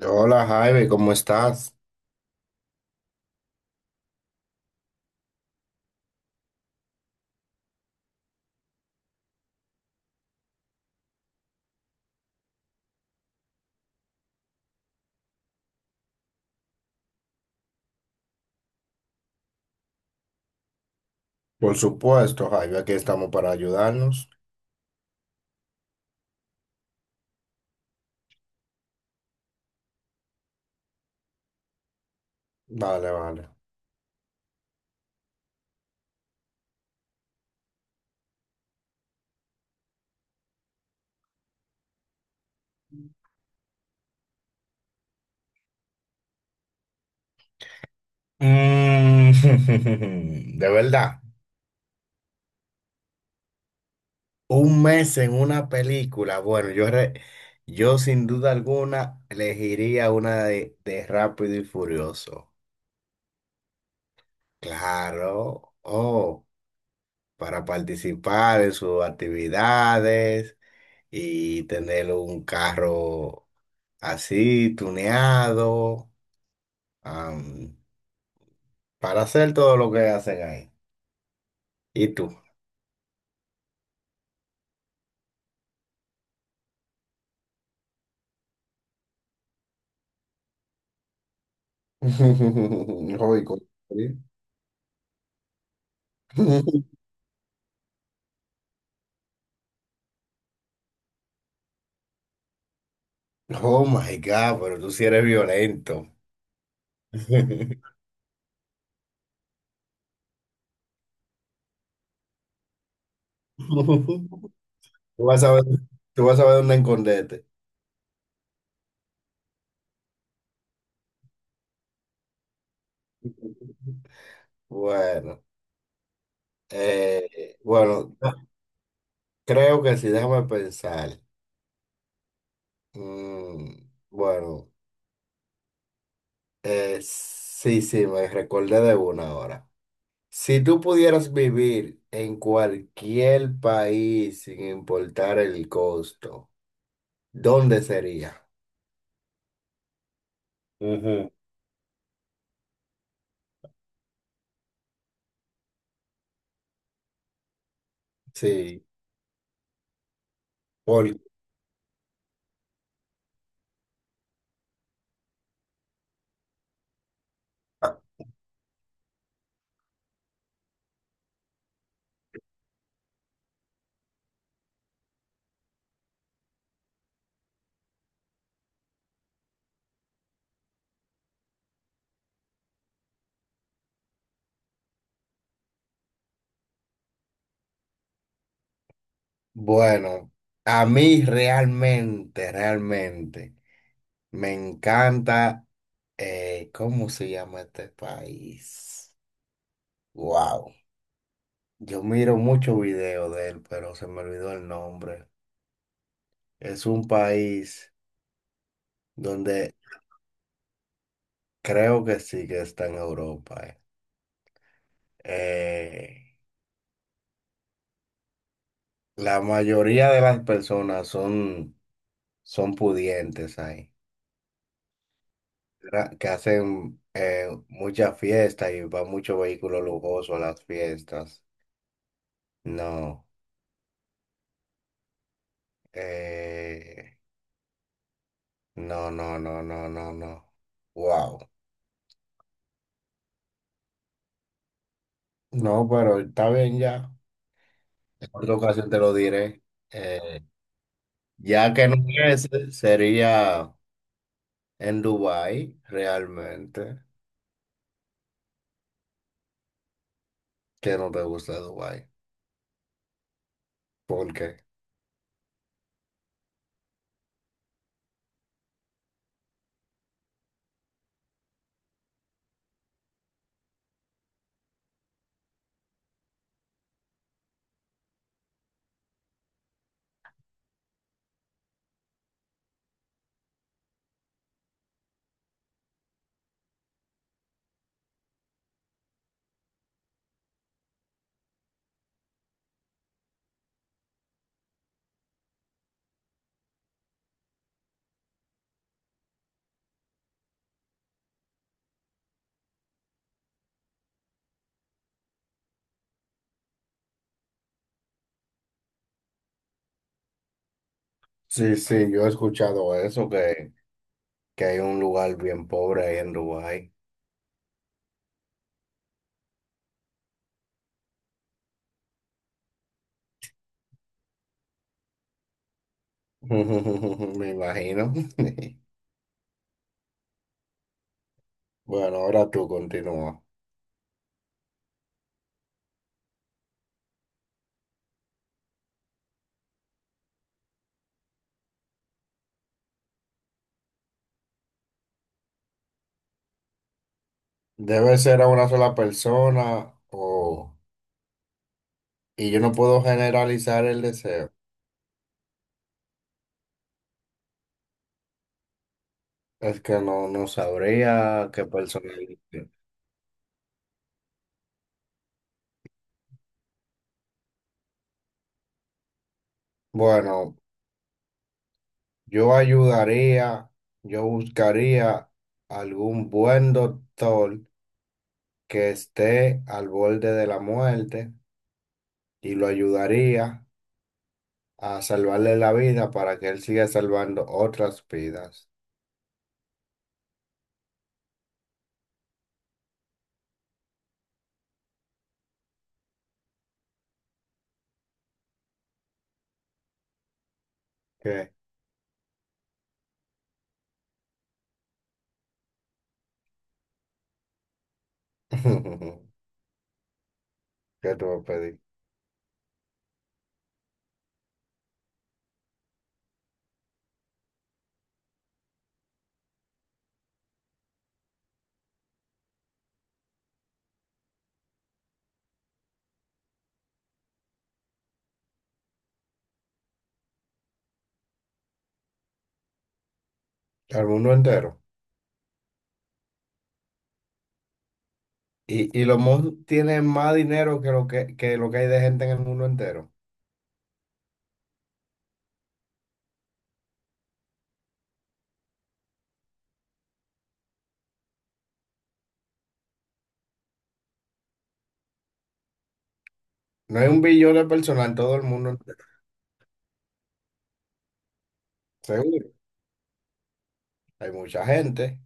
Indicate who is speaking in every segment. Speaker 1: Hola Jaime, ¿cómo estás? Por supuesto, Jaime, aquí estamos para ayudarnos. Vale, vale. Mm. De verdad, un mes en una película. Bueno, yo sin duda alguna elegiría una de Rápido y Furioso. Claro, oh, para participar en sus actividades y tener un carro así, tuneado, para hacer todo lo que hacen ahí. ¿Y tú? Joder, ¿cómo sería? Oh my God, pero tú sí eres violento. Tú vas a ver, tú vas a ver dónde esconderte. Bueno, bueno, creo que sí, déjame pensar. Bueno, sí, sí, me recordé de una ahora. Si tú pudieras vivir en cualquier país sin importar el costo, ¿dónde sería? Ujú. Sí. Por- ah, Bueno, a mí realmente, realmente me encanta, ¿cómo se llama este país? Wow, yo miro muchos videos de él, pero se me olvidó el nombre. Es un país donde creo que sí que está en Europa. Eh, la mayoría de las personas son pudientes ahí. Que hacen, mucha fiesta y va mucho vehículo lujoso a las fiestas. No, eh, no, no, no, no, no, no. Wow. No, pero está bien ya. En otra ocasión te lo diré. Eh, ya que no es, sería en Dubái, realmente, que no te gusta Dubái. ¿Por qué? Sí, sí, yo he escuchado eso, que hay un lugar bien pobre ahí en Dubái. Me imagino. Bueno, ahora tú continúa. ¿Debe ser a una sola persona o...? Y yo no puedo generalizar el deseo. Es que no, no sabría qué persona elegir. Bueno, yo ayudaría, yo buscaría algún buen doctor que esté al borde de la muerte y lo ayudaría a salvarle la vida para que él siga salvando otras vidas. ¿Qué? Que tú me pedí. Al mundo entero. Y los mods tienen más dinero que lo que hay de gente en el mundo entero. No hay 1 billón de personas en todo el mundo entero. Seguro. Hay mucha gente.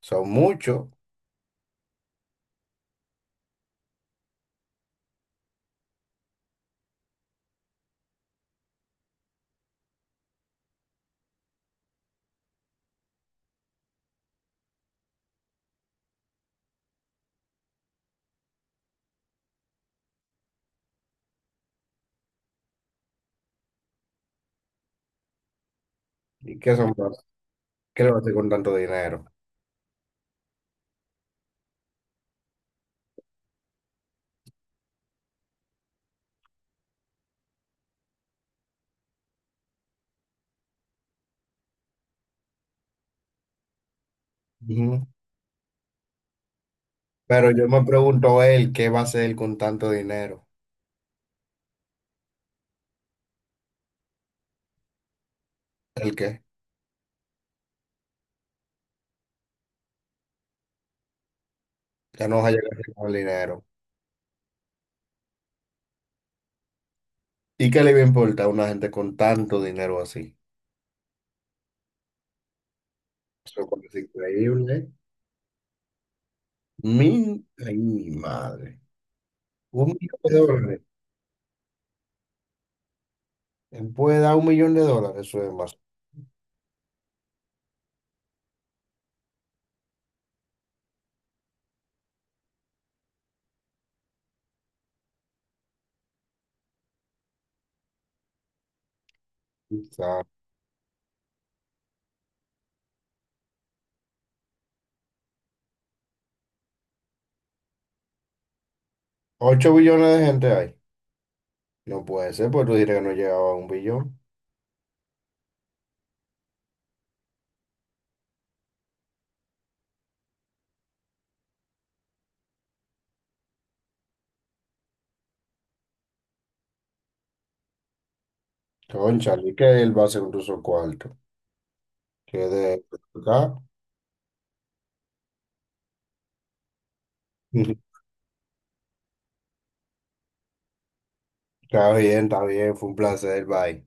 Speaker 1: Son muchos. ¿Y qué son? ¿Qué le va a hacer con tanto dinero? Ujú. Pero yo me pregunto él, ¿qué va a hacer con tanto dinero? ¿El qué? Ya no va a llegar con el dinero. ¿Y qué le va a importar a una gente con tanto dinero así? Eso es increíble, ¿eh? Mi, ay, mi madre. $1 millón. Él puede dar $1 millón, eso es más. O sea, 8 billones de gente hay. No puede ser, pues tú dirás que no llegaba a 1 billón. Cónchale, que él va a ser un uso cuarto. Que de acá. Está bien, fue un placer, bye.